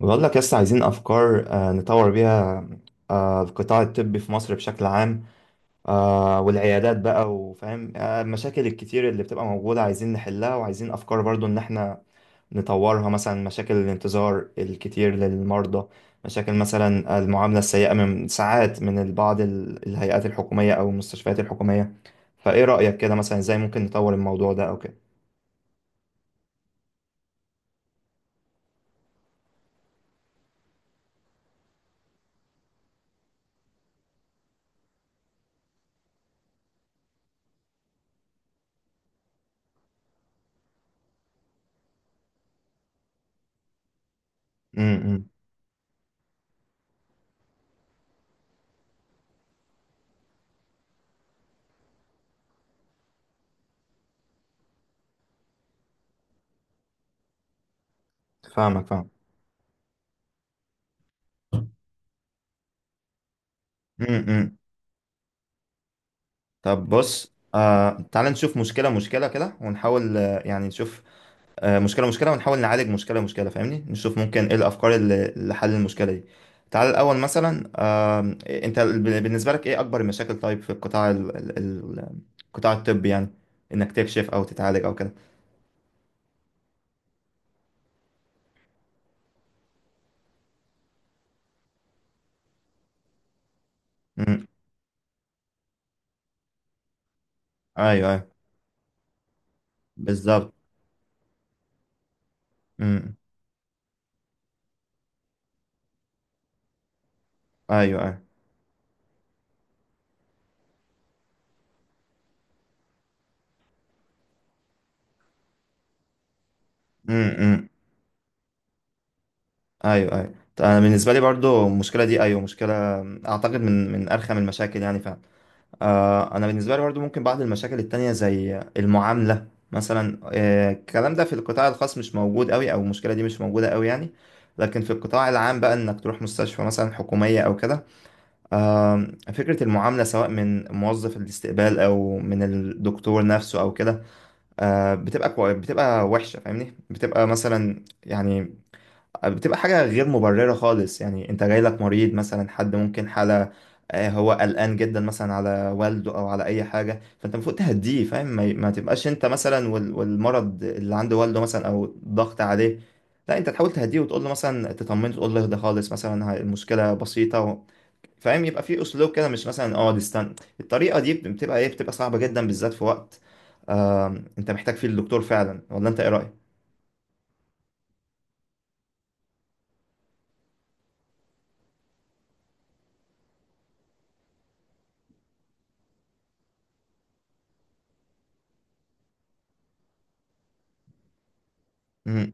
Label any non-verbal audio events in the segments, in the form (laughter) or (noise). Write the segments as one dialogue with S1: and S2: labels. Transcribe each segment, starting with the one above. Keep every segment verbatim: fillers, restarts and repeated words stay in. S1: بقول لك لسه عايزين أفكار، آه، نطور بيها. آه، القطاع الطبي في مصر بشكل عام. آه، والعيادات بقى، وفاهم آه، المشاكل الكتير اللي بتبقى موجودة. عايزين نحلها، وعايزين أفكار برضو إن إحنا نطورها. مثلا مشاكل الانتظار الكتير للمرضى، مشاكل مثلا المعاملة السيئة من ساعات من بعض ال- الهيئات الحكومية أو المستشفيات الحكومية. فإيه رأيك كده مثلا؟ إزاي ممكن نطور الموضوع ده أو كده؟ م- م. فاهمك، فاهم. م- م. طب بص. آه تعال نشوف مشكلة مشكلة كده، ونحاول آه يعني نشوف. آه مشكلة مشكلة، ونحاول نعالج مشكلة مشكلة، فاهمني. نشوف ممكن ايه الأفكار اللي لحل المشكلة دي. تعال الأول مثلا. آه انت ب- بالنسبة لك ايه أكبر المشاكل طيب في القطاع ال ال ال- القطاع الطبي يعني، انك تكشف او تتعالج او كده. امم. ايوه، ايوه، بالظبط. امم. ايوه، ايوه. امم. ايوه، ايوه، طيب. انا بالنسبة لي برضو المشكلة دي، ايوه، مشكلة. اعتقد من من ارخم المشاكل يعني فعلا. آه، انا بالنسبه لي برضو ممكن بعض المشاكل التانية زي المعامله مثلا. آه، الكلام ده في القطاع الخاص مش موجود قوي، او المشكله دي مش موجوده قوي يعني. لكن في القطاع العام بقى، انك تروح مستشفى مثلا حكوميه او كده. آه، فكره المعامله، سواء من موظف الاستقبال او من الدكتور نفسه او كده. آه، بتبقى كوي، بتبقى وحشه، فاهمني، بتبقى مثلا يعني. آه، بتبقى حاجة غير مبررة خالص يعني. انت جاي لك مريض مثلا، حد ممكن حالة. آه، هو قلقان جدا مثلا على والده او على اي حاجة. فانت المفروض تهديه، فاهم، ما, ما تبقاش انت مثلا، وال- والمرض اللي عند والده مثلا او ضغط عليه. لا، انت تحاول تهديه، وتقول له مثلا، تطمنه، تقول له اهدى خالص مثلا. ه- المشكلة بسيطة و... فاهم. يبقى في اسلوب كده، مش مثلا اقعد استنى. الطريقة دي بت- بتبقى ايه، بتبقى صعبة جدا، بالذات في وقت انت محتاج فيه الدكتور فعلا. ولا انت ايه رأيك؟ مم.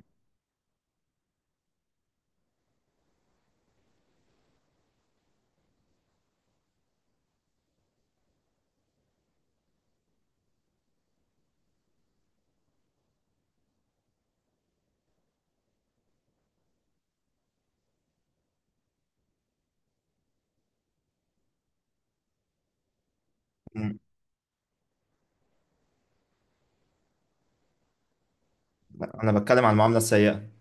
S1: مم. لا، انا بتكلم عن المعاملة السيئة.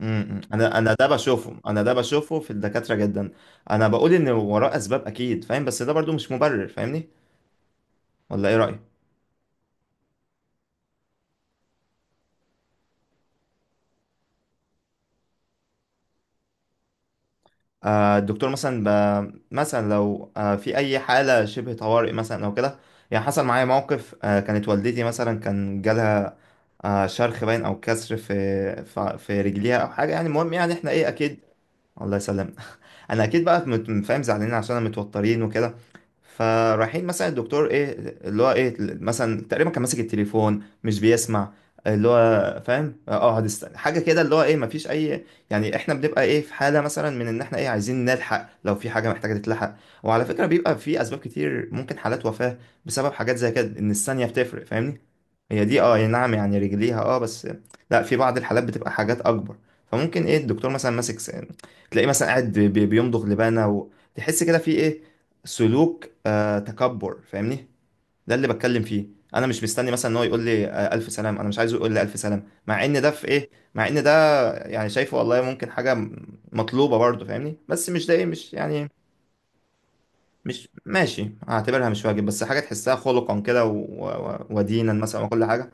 S1: امم. امم. انا انا ده بشوفه، انا ده بشوفه في الدكاترة جدا. انا بقول ان وراه اسباب اكيد، فاهم، بس ده برضو مش مبرر، فاهمني. ولا ايه رأيك؟ آه الدكتور مثلا ب... مثلا لو آه في اي حالة شبه طوارئ مثلا او كده. يعني حصل معايا موقف. آه كانت والدتي مثلا كان جالها آه شرخ باين او كسر في في, في رجليها او حاجة يعني. المهم يعني احنا، ايه، اكيد. الله يسلم. (laughs) انا اكيد بقى مت- فاهم زعلانين، عشان أنا متوترين وكده. فرايحين مثلا الدكتور، ايه، اللي هو، ايه، مثلا تقريبا كان ماسك التليفون، مش بيسمع. اللي هو، فاهم، اقعد استنى حاجه كده. اللي هو، ايه، مفيش اي يعني. احنا بنبقى، ايه، في حاله مثلا، من ان احنا، ايه، عايزين نلحق لو في حاجه محتاجه تتلحق. وعلى فكره، بيبقى في اسباب كتير، ممكن حالات وفاه بسبب حاجات زي كده، ان الثانيه بتفرق، فاهمني. هي دي، اه، يعني نعم، يعني رجليها، اه، بس. لا، في بعض الحالات بتبقى حاجات اكبر. فممكن، ايه، الدكتور مثلا ماسك س- تلاقيه مثلا قاعد بي- بيمضغ لبانه. وتحس كده في، ايه، سلوك آه تكبر، فاهمني. ده اللي بتكلم فيه. انا مش مستني مثلا ان هو يقول لي آه الف سلام. انا مش عايزه يقول لي الف سلام، مع ان ده في، ايه، مع ان ده يعني شايفه والله، ممكن حاجه م- مطلوبه برضه، فاهمني. بس مش ده، ايه، مش يعني، مش ماشي، هعتبرها مش واجب، بس حاجه تحسها خلقا كده و- و- ودينا مثلا وكل حاجه.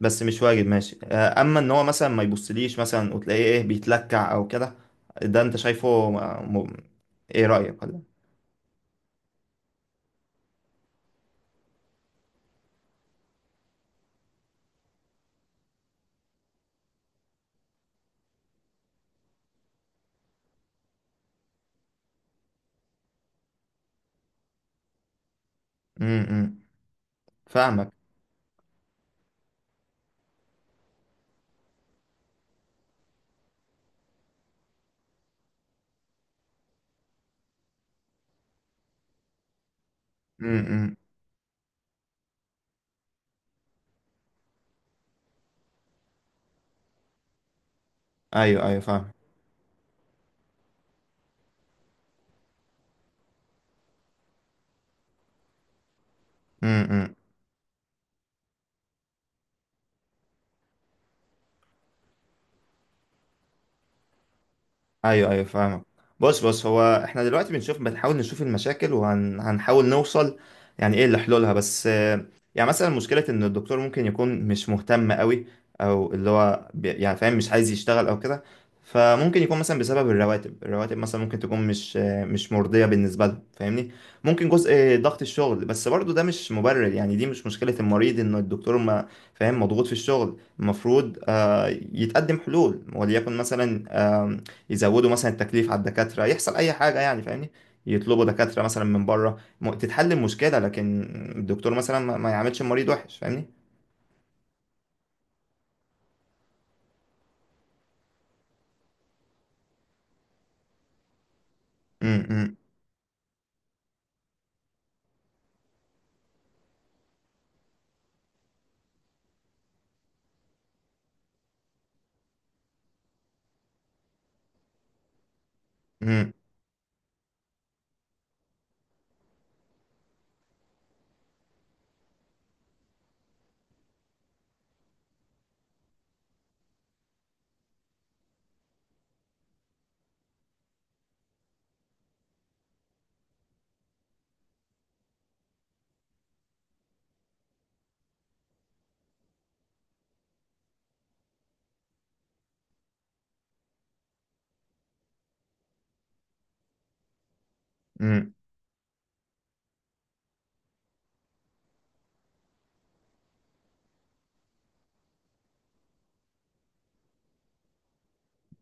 S1: بس مش واجد ماشي. آه، اما ان هو مثلا ما يبصليش مثلا، وتلاقيه، ايه، بيتلكع او كده. ده انت شايفه. م... م- ايه رأيك ولا؟ امم. إمم. فاهمك. امم. إمم. ايوه، ايوه، فاهم. امم. إمم. ايوه، ايوه، فاهمك. بص، بص، هو احنا دلوقتي بنشوف، بنحاول نشوف المشاكل، وهنحاول نوصل يعني، ايه، لحلولها. بس يعني مثلا، مشكلة إن الدكتور ممكن يكون مش مهتم قوي، أو اللي هو بي- يعني فاهم، مش عايز يشتغل أو كده. فممكن يكون مثلا بسبب الرواتب الرواتب مثلا ممكن تكون مش مش مرضية بالنسبة لهم، فاهمني. ممكن جزء ضغط الشغل، بس برضو ده مش مبرر يعني. دي مش مشكلة المريض إن الدكتور ما، فاهم، مضغوط في الشغل. المفروض آه، يتقدم حلول، وليكن مثلا آم، يزودوا مثلا التكليف على الدكاترة، يحصل أي حاجة يعني، فاهمني. يطلبوا دكاترة مثلا من بره، م- تتحل المشكلة. لكن الدكتور مثلا ما ما يعملش المريض وحش، فاهمني. أمم. أمم. أمم.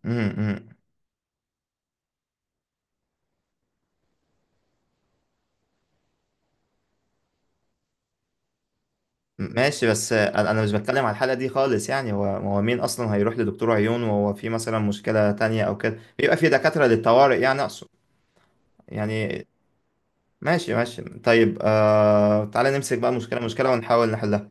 S1: أمم. أمم. ماشي، بس انا أنا مش بتكلم على الحالة دي خالص يعني. هو هو مين اصلا هيروح لدكتور عيون وهو في مثلا مشكلة تانية او كده؟ بيبقى في دكاترة للطوارئ، يعني اقصد. يعني ماشي، ماشي، طيب. آه تعالى نمسك بقى مشكلة مشكلة، ونحاول نحلها.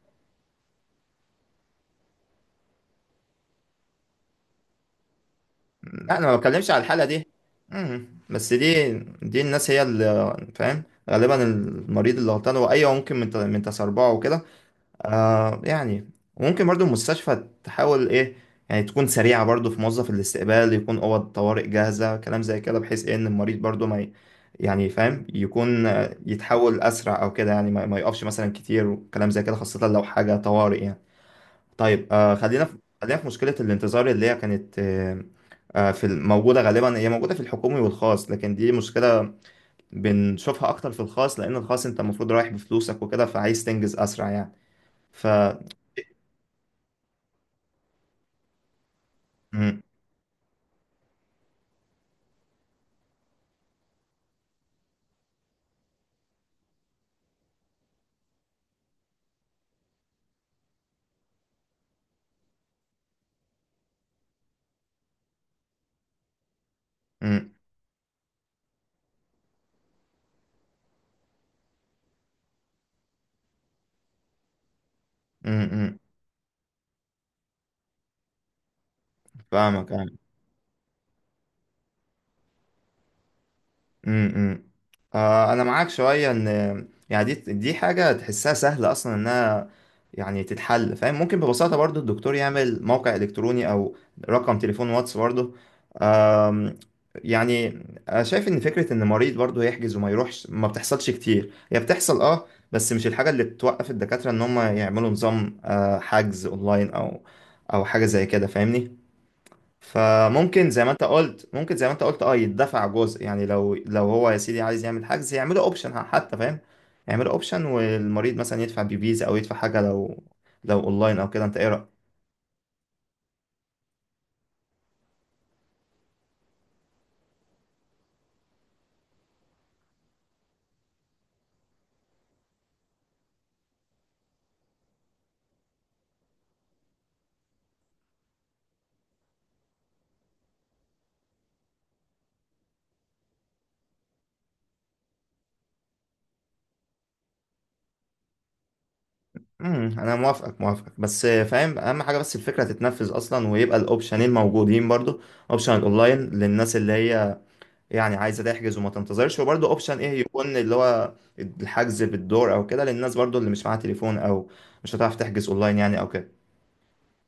S1: لا، انا ما بتكلمش على الحالة دي. أمم. بس دي دي الناس هي اللي، فاهم، غالبا المريض اللي غلطان هو. ايوه، ممكن من ت- من تسربعه وكده. آه يعني ممكن برضو المستشفى تحاول، ايه، يعني تكون سريعة برضو. في موظف الاستقبال، يكون أوض طوارئ جاهزة، كلام زي كده، بحيث، ايه، ان المريض برضو ما ي- يعني فاهم، يكون آه، يتحول أسرع أو كده يعني. ما ما يقفش مثلا كتير، وكلام زي كده، خاصة لو حاجة طوارئ يعني. طيب. آه خلينا في خلينا في مشكلة الانتظار اللي هي كانت آه، آه، في الموجودة غالبا. هي موجودة في الحكومي والخاص، لكن دي مشكلة بنشوفها أكتر في الخاص، لأن الخاص أنت المفروض رايح بفلوسك وكده، فعايز تنجز أسرع يعني. ف امم. امم. فاهمك. امم. آه انا معاك شويه، ان يعني دي دي حاجه تحسها سهله اصلا، انها يعني تتحل، فاهم. ممكن ببساطه برضو الدكتور يعمل موقع الكتروني، او رقم تليفون واتس برضو. آم، يعني أنا شايف ان فكره ان مريض برضو يحجز وما يروحش، ما بتحصلش كتير. هي بتحصل، اه، بس مش الحاجه اللي بتوقف الدكاتره ان هم يعملوا نظام آه، حجز اونلاين، او او حاجه زي كده، فاهمني. فممكن زي ما انت قلت ممكن زي ما انت قلت، اه، يدفع جزء يعني، لو لو هو يا سيدي عايز يعمل حجز، يعمله اوبشن حتى، فاهم. يعمله اوبشن، والمريض مثلا يدفع بفيزا، او يدفع حاجه لو لو اونلاين او كده. انت ايه رايك؟ امم. انا موافقك، موافقك، بس، فاهم، اهم حاجه بس الفكره تتنفذ اصلا، ويبقى الاوبشنين موجودين برضو. اوبشن الاونلاين للناس اللي هي يعني عايزه تحجز وما تنتظرش، وبرضو اوبشن، ايه، يكون اللي هو الحجز بالدور او كده، للناس برضو اللي مش معاها تليفون او مش هتعرف تحجز اونلاين يعني او كده.